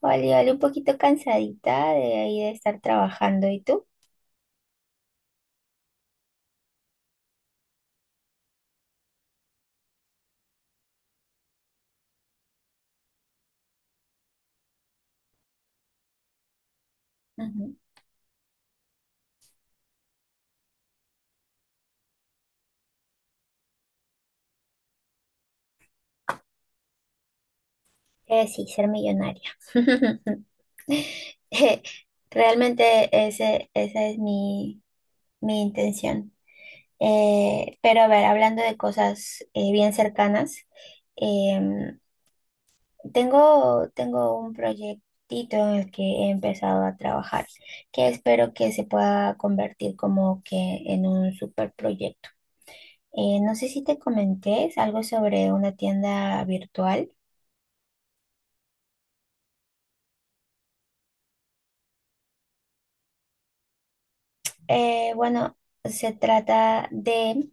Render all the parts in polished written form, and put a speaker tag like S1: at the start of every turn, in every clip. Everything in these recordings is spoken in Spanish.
S1: Vale, vale, un poquito cansadita de ahí de estar trabajando. ¿Y tú? Ujú. Sí, ser millonaria. Eh, Realmente esa es mi intención. Pero a ver, hablando de cosas bien cercanas, em, tengo un proyectito en el que he empezado a trabajar, que espero que se pueda convertir como que en un super proyecto. No sé si te comenté, es algo sobre una tienda virtual. Bueno, se trata de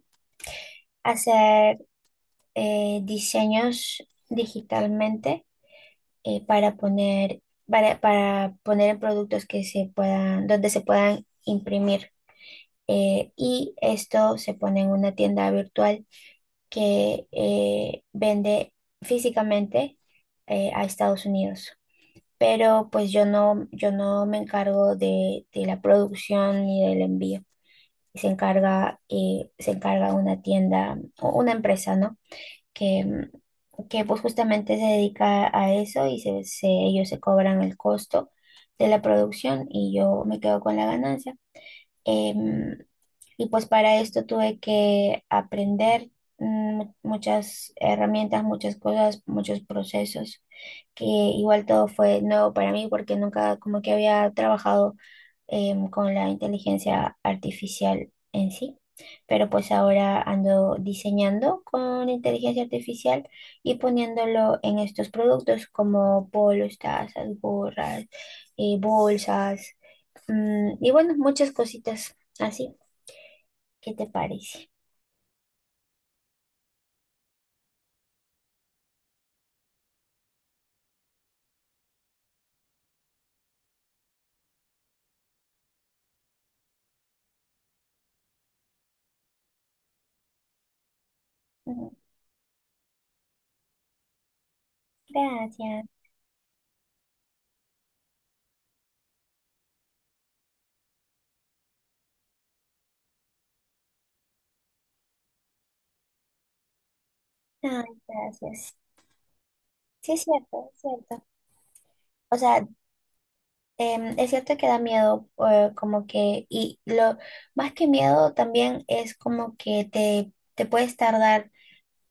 S1: hacer diseños digitalmente para poner, para poner en productos que se puedan, donde se puedan imprimir. Y esto se pone en una tienda virtual que vende físicamente a Estados Unidos. Pero pues yo no me encargo de la producción ni del envío. Se encarga una tienda o una empresa, ¿no? Que, que pues justamente se dedica a eso y se- ellos se cobran el costo de la producción y yo me quedo con la ganancia. Em, y pues para esto tuve que aprender muchas herramientas, muchas cosas, muchos procesos, que igual todo fue nuevo para mí porque nunca como que había trabajado con la inteligencia artificial en sí. Pero pues ahora ando diseñando con inteligencia artificial y poniéndolo en estos productos como polos, tazas, gorras, bolsas. Mm, y bueno, muchas cositas así. ¿Qué te parece? Mm. Gracias. Ay, gracias. Sí, es cierto, es cierto. O sea, es cierto que da miedo, como que, y lo más que miedo también es como que te puedes tardar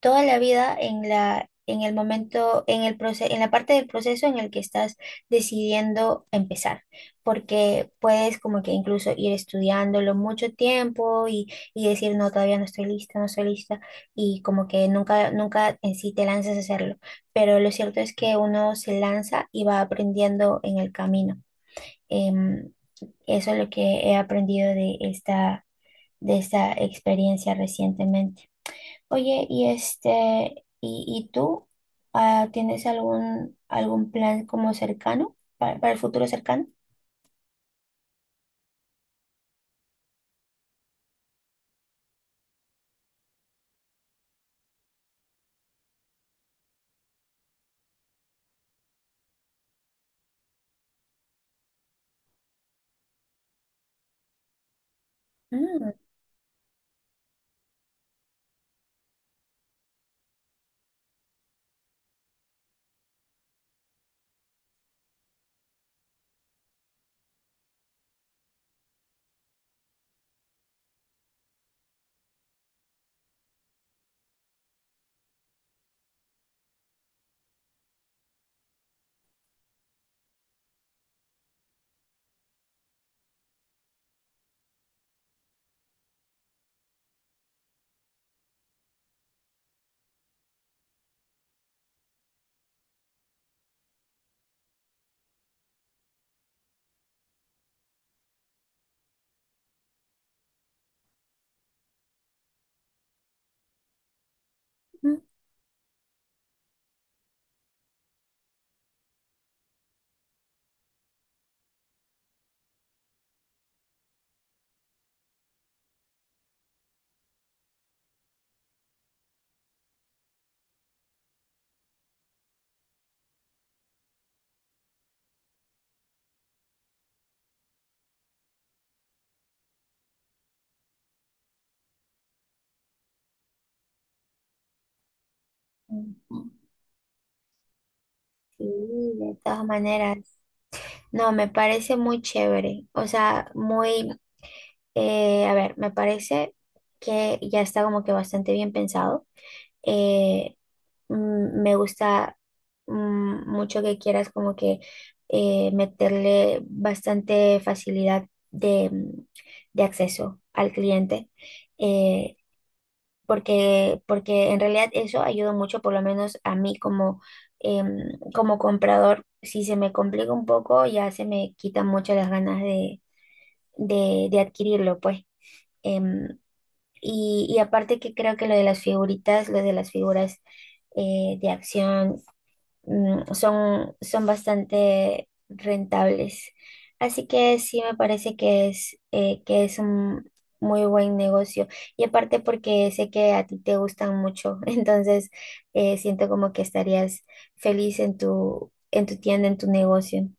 S1: toda la vida en en el momento, en el proceso, en la parte del proceso en el que estás decidiendo empezar, porque puedes como que incluso ir estudiándolo mucho tiempo y decir, no, todavía no estoy lista, no estoy lista, y como que nunca, nunca en sí te lanzas a hacerlo, pero lo cierto es que uno se lanza y va aprendiendo en el camino. Em, Eso es lo que he aprendido de esta experiencia recientemente. Oye, y este, y tú, ah, ¿tienes algún plan como cercano para el futuro cercano? Mm, mm, mm. Sí, de todas maneras. No, me parece muy chévere. O sea, muy, a ver, me parece que ya está como que bastante bien pensado. Eh, Me gusta mucho que quieras como que meterle bastante facilidad de, mm, de acceso al cliente, eh, porque, porque en realidad eso ayuda mucho, por lo menos a mí como, em, como comprador, si se me complica un poco, ya se me quitan mucho las ganas de, de adquirirlo, pues. Em, y, y aparte que creo que lo de las figuritas, lo de las figuras de acción son, son bastante rentables. Así que sí me parece que es un muy buen negocio. Y aparte porque sé que a ti te gustan mucho, entonces siento como que estarías feliz en tu tienda, en tu negocio.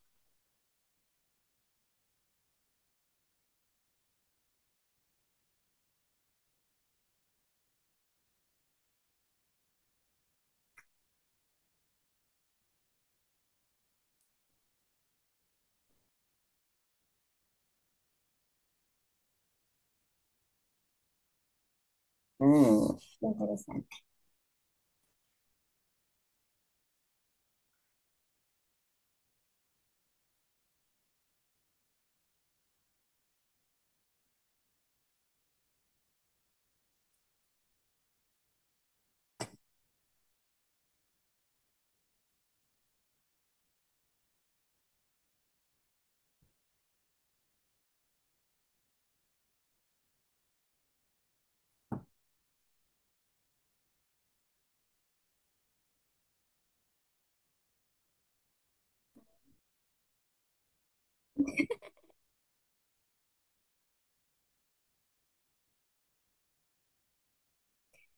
S1: Mm, interesante.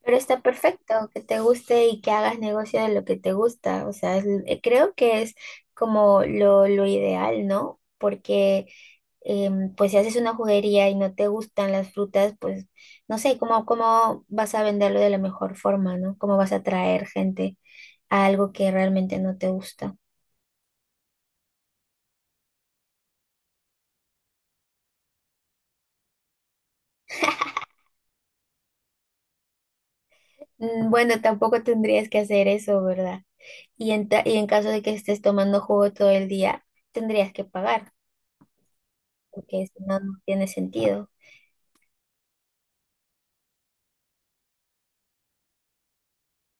S1: Pero está perfecto que te guste y que hagas negocio de lo que te gusta. O sea, es- creo que es como lo ideal, ¿no? Porque pues si haces una juguería y no te gustan las frutas, pues no sé, ¿cómo, cómo vas a venderlo de la mejor forma, ¿no? ¿Cómo vas a atraer gente a algo que realmente no te gusta? Mm, bueno, tampoco tendrías que hacer eso, ¿verdad? Y en, ta- y en caso de que estés tomando jugo todo el día, tendrías que pagar, porque si no, no tiene sentido.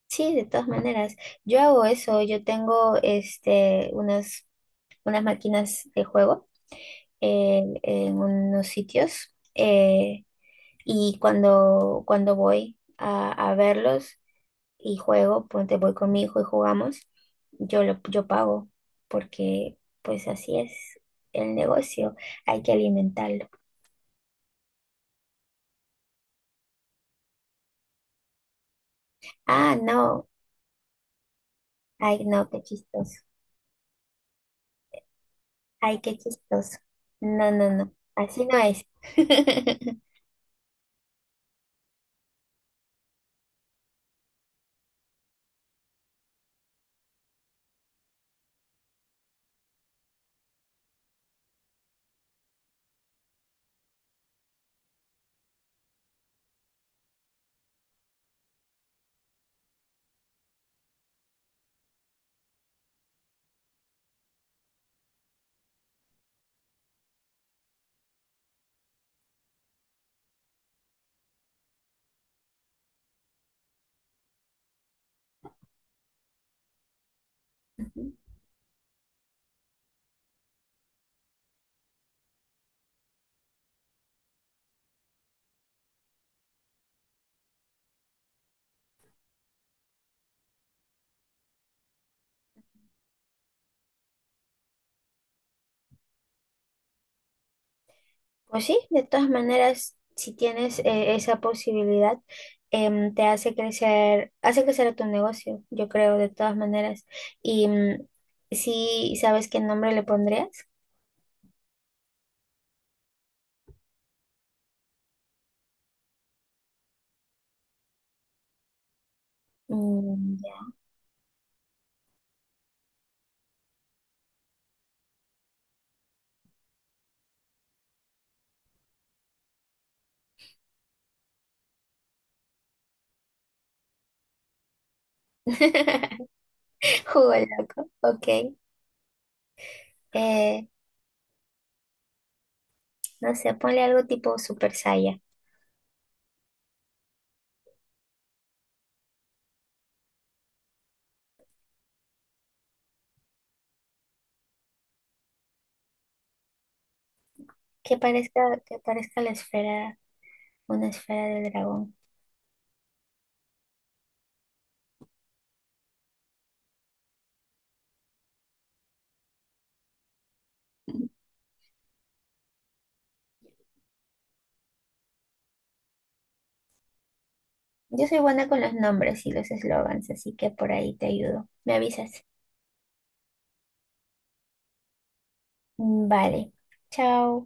S1: Sí, de todas maneras. Yo hago eso. Yo tengo este, unas, unas máquinas de juego en unos sitios, y cuando, cuando voy a verlos y juego, ponte voy con mi hijo y jugamos, yo pago porque pues así es el negocio. Hay que alimentarlo. Ah, no. Ay, no, qué chistoso. Ay, qué chistoso. No, no, no. Así no es. Pues sí, de todas maneras, si tienes esa posibilidad, te hace crecer a tu negocio, yo creo, de todas maneras. Y mm, sí, ¿sabes qué nombre le pondrías? Mm, ya. Jugo loco, ok. Eh, no sé, ponle algo tipo Super Saiya, que parezca la esfera, una esfera del dragón. Yo soy buena con los nombres y los eslogans, así que por ahí te ayudo. Me avisas. Vale. Chao.